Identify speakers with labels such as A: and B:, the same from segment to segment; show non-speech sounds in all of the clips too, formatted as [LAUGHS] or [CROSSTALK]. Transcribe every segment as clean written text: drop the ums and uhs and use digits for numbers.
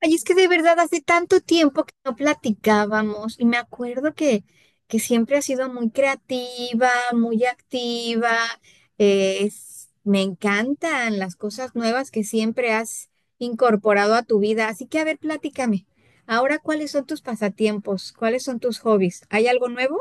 A: Ay, es que de verdad hace tanto tiempo que no platicábamos y me acuerdo que siempre has sido muy creativa, muy activa. Me encantan las cosas nuevas que siempre has incorporado a tu vida. Así que, a ver, platícame. Ahora, ¿cuáles son tus pasatiempos? ¿Cuáles son tus hobbies? ¿Hay algo nuevo?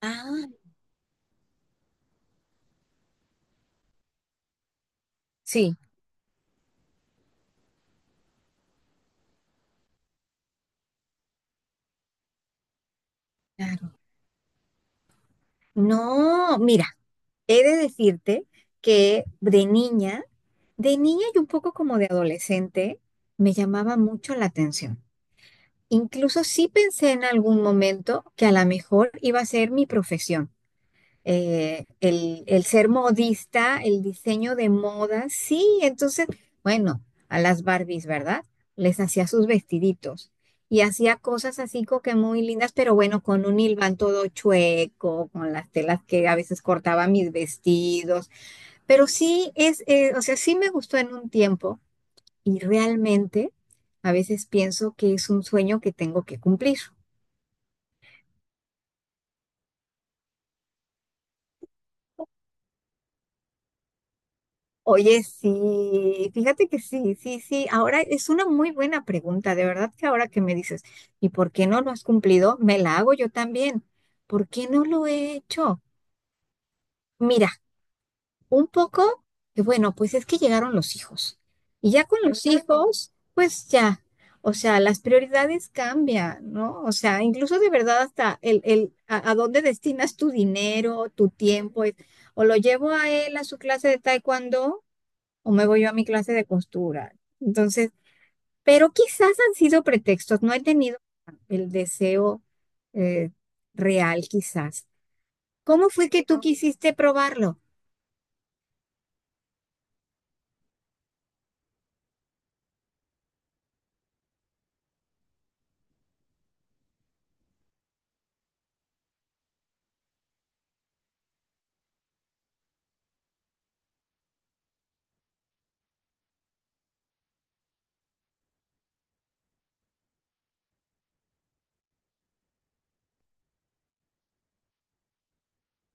A: Ah, sí, claro. No, mira. He de decirte que de niña y un poco como de adolescente, me llamaba mucho la atención. Incluso sí pensé en algún momento que a lo mejor iba a ser mi profesión. El ser modista, el diseño de moda, sí. Entonces, bueno, a las Barbies, ¿verdad? Les hacía sus vestiditos y hacía cosas así como que muy lindas, pero bueno, con un hilván todo chueco, con las telas que a veces cortaba mis vestidos. Pero sí es, o sea, sí me gustó en un tiempo y realmente a veces pienso que es un sueño que tengo que cumplir. Oye, sí, fíjate que sí, sí, sí. Ahora es una muy buena pregunta, de verdad que ahora que me dices, ¿y por qué no lo has cumplido? Me la hago yo también. ¿Por qué no lo he hecho? Mira. Un poco, que bueno, pues es que llegaron los hijos. Y ya con los hijos, pues ya, o sea, las prioridades cambian, ¿no? O sea, incluso de verdad hasta a dónde destinas tu dinero, tu tiempo, es, o lo llevo a él a su clase de taekwondo o me voy yo a mi clase de costura. Entonces, pero quizás han sido pretextos, no he tenido el deseo eh, real, quizás. ¿Cómo fue que tú quisiste probarlo?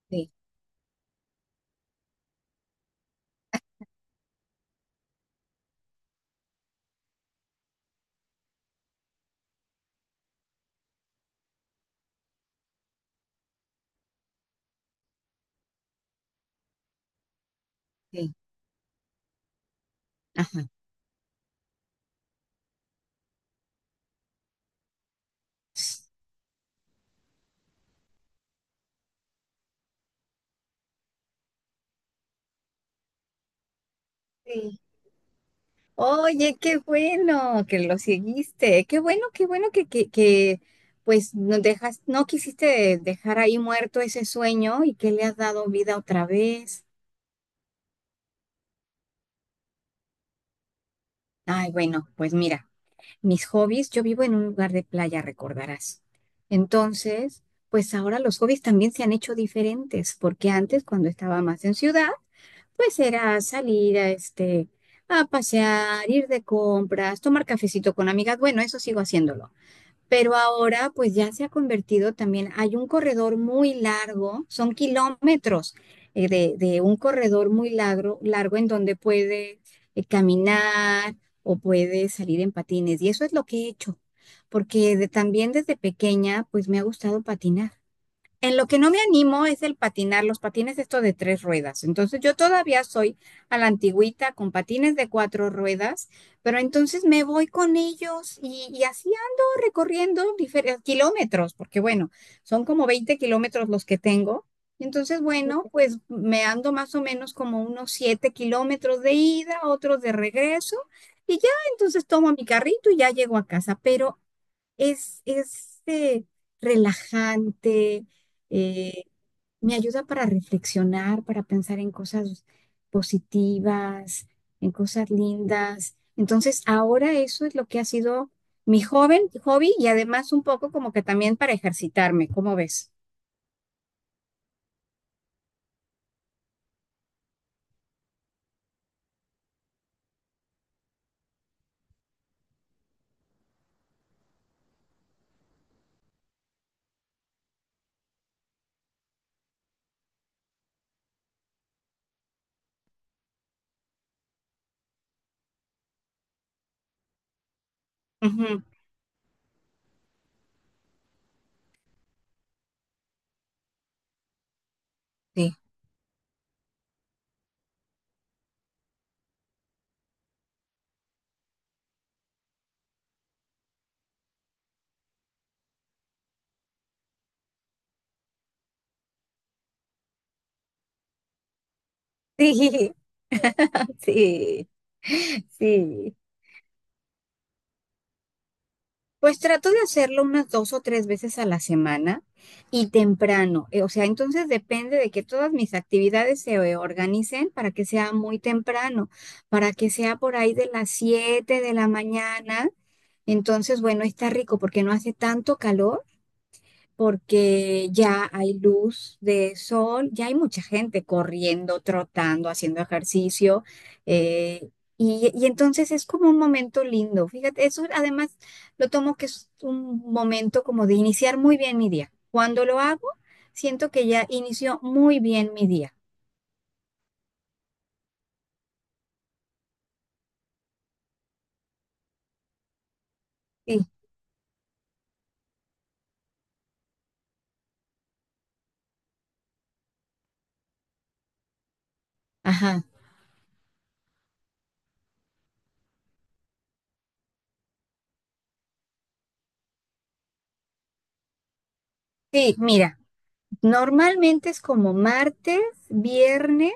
A: Sí, sí. Ajá. Oye, qué bueno que lo seguiste. Qué bueno pues no dejas, no quisiste dejar ahí muerto ese sueño y que le has dado vida otra vez. Ay, bueno, pues mira, mis hobbies, yo vivo en un lugar de playa, recordarás. Entonces, pues ahora los hobbies también se han hecho diferentes, porque antes, cuando estaba más en ciudad, pues era salir a a pasear, ir de compras, tomar cafecito con amigas. Bueno, eso sigo haciéndolo. Pero ahora pues ya se ha convertido también, hay un corredor muy largo, son kilómetros de un corredor muy largo, largo en donde puede caminar o puede salir en patines. Y eso es lo que he hecho, porque también desde pequeña pues me ha gustado patinar. En lo que no me animo es el patinar, los patines esto de tres ruedas. Entonces yo todavía soy a la antigüita con patines de cuatro ruedas, pero entonces me voy con ellos y así ando recorriendo diferentes kilómetros, porque bueno, son como 20 kilómetros los que tengo. Entonces, bueno, pues me ando más o menos como unos 7 kilómetros de ida, otros de regreso, y ya entonces tomo mi carrito y ya llego a casa. Pero es relajante, eh, me ayuda para reflexionar, para pensar en cosas positivas, en cosas lindas. Entonces, ahora eso es lo que ha sido mi joven hobby y además un poco como que también para ejercitarme, ¿cómo ves? Ujú. Sí, [LAUGHS] sí, sí, sí. Pues trato de hacerlo unas dos o tres veces a la semana y temprano. O sea, entonces depende de que todas mis actividades se organicen para que sea muy temprano, para que sea por ahí de las 7 de la mañana. Entonces, bueno, está rico porque no hace tanto calor porque ya hay luz de sol, ya hay mucha gente corriendo, trotando, haciendo ejercicio, eh, y entonces es como un momento lindo. Fíjate, eso además lo tomo que es un momento como de iniciar muy bien mi día. Cuando lo hago, siento que ya inició muy bien mi día. Sí, ajá. Sí, mira. Normalmente es como martes, viernes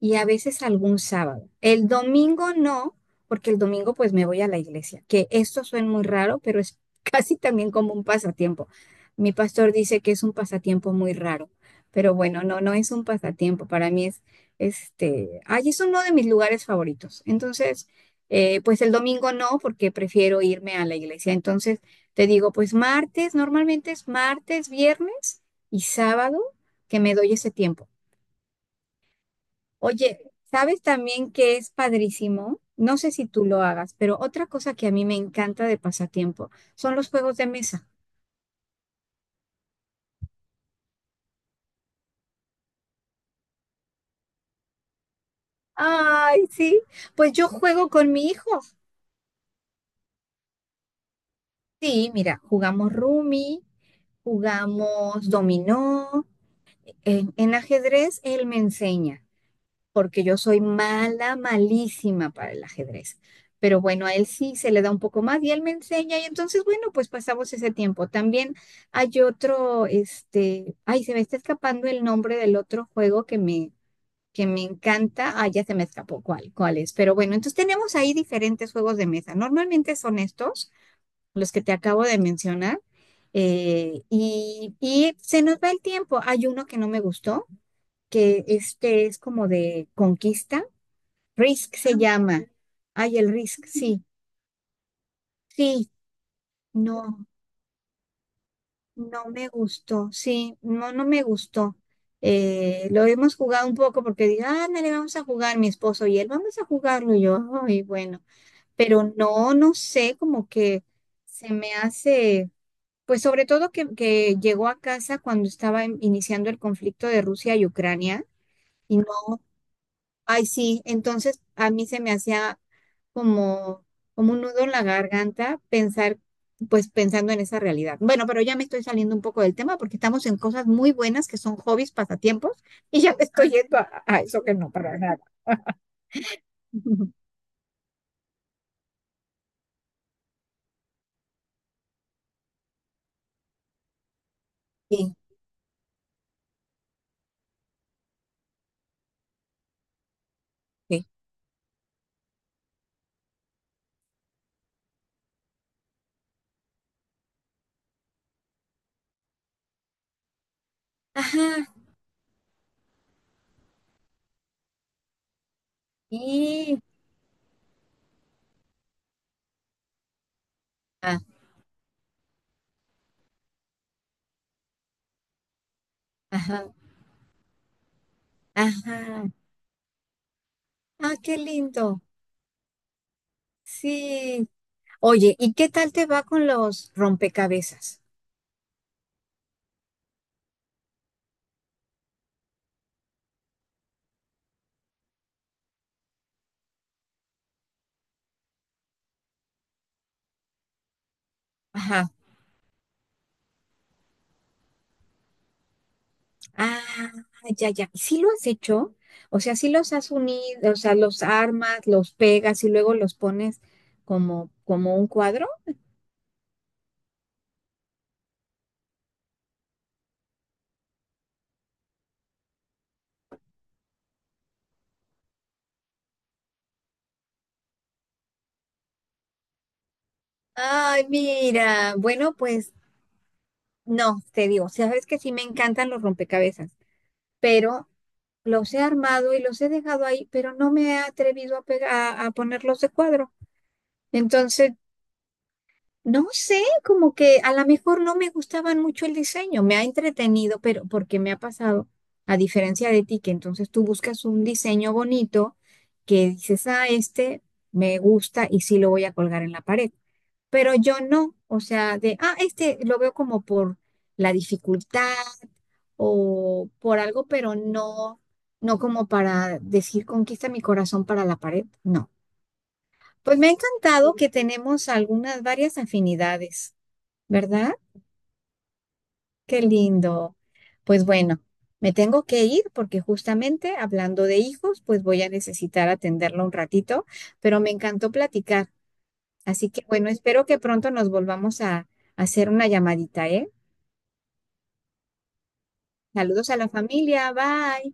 A: y a veces algún sábado. El domingo no, porque el domingo pues me voy a la iglesia, que esto suena muy raro, pero es [LAUGHS] casi también como un pasatiempo. Mi pastor dice que es un pasatiempo muy raro, pero bueno, no, no es un pasatiempo. Para mí es, este, ay, es uno de mis lugares favoritos. Entonces, pues el domingo no, porque prefiero irme a la iglesia. Entonces, te digo, pues martes, normalmente es martes, viernes y sábado que me doy ese tiempo. Oye, ¿sabes también que es padrísimo? No sé si tú lo hagas, pero otra cosa que a mí me encanta de pasatiempo son los juegos de mesa. Ay, sí, pues yo juego con mi hijo. Sí, mira, jugamos Rumi, jugamos dominó, en ajedrez él me enseña. Porque yo soy mala, malísima para el ajedrez. Pero bueno, a él sí se le da un poco más y él me enseña y entonces, bueno, pues pasamos ese tiempo. También hay otro, este, ay, se me está escapando el nombre del otro juego que me encanta. Ah, ya se me escapó cuál es. Pero bueno, entonces tenemos ahí diferentes juegos de mesa. Normalmente son estos, los que te acabo de mencionar. Y se nos va el tiempo. Hay uno que no me gustó, que este es como de conquista. Risk se llama. Ay, el Risk, sí, sí, no, no me gustó, sí, no, no me gustó. Lo hemos jugado un poco porque dije, ándale, vamos a jugar mi esposo y él, vamos a jugarlo y yo, ay, bueno, pero no, no sé, como que se me hace, pues sobre todo que llegó a casa cuando estaba iniciando el conflicto de Rusia y Ucrania. Y ay, sí, entonces a mí se me hacía como, como un nudo en la garganta pensar, pues pensando en esa realidad. Bueno, pero ya me estoy saliendo un poco del tema porque estamos en cosas muy buenas que son hobbies, pasatiempos, [LAUGHS] y ya me estoy yendo a eso que no, para nada. [LAUGHS] Sí, sí. Ajá, y, ah, ajá, ajá. Ah, qué lindo. Sí. Oye, ¿y qué tal te va con los rompecabezas? Ajá. Ah, ya, ya. ¿Y si lo has hecho? O sea, ¿si los has unido? O sea, los armas, los pegas y luego los pones como, como un cuadro. Ay, mira. Bueno, pues no, te digo, sabes que sí me encantan los rompecabezas, pero los he armado y los he dejado ahí, pero no me he atrevido a pegar, a ponerlos de cuadro. Entonces no sé, como que a lo mejor no me gustaban mucho el diseño, me ha entretenido, pero porque me ha pasado, a diferencia de ti, que entonces tú buscas un diseño bonito que dices, ah, este me gusta y sí lo voy a colgar en la pared, pero yo no, o sea, de, este lo veo como por la dificultad o por algo, pero no, no como para decir conquista mi corazón para la pared, no. Pues me ha encantado que tenemos algunas varias afinidades. ¿Verdad? Qué lindo. Pues bueno, me tengo que ir porque justamente hablando de hijos, pues voy a necesitar atenderlo un ratito, pero me encantó platicar. Así que bueno, espero que pronto nos volvamos a hacer una llamadita, ¿eh? Saludos a la familia, bye.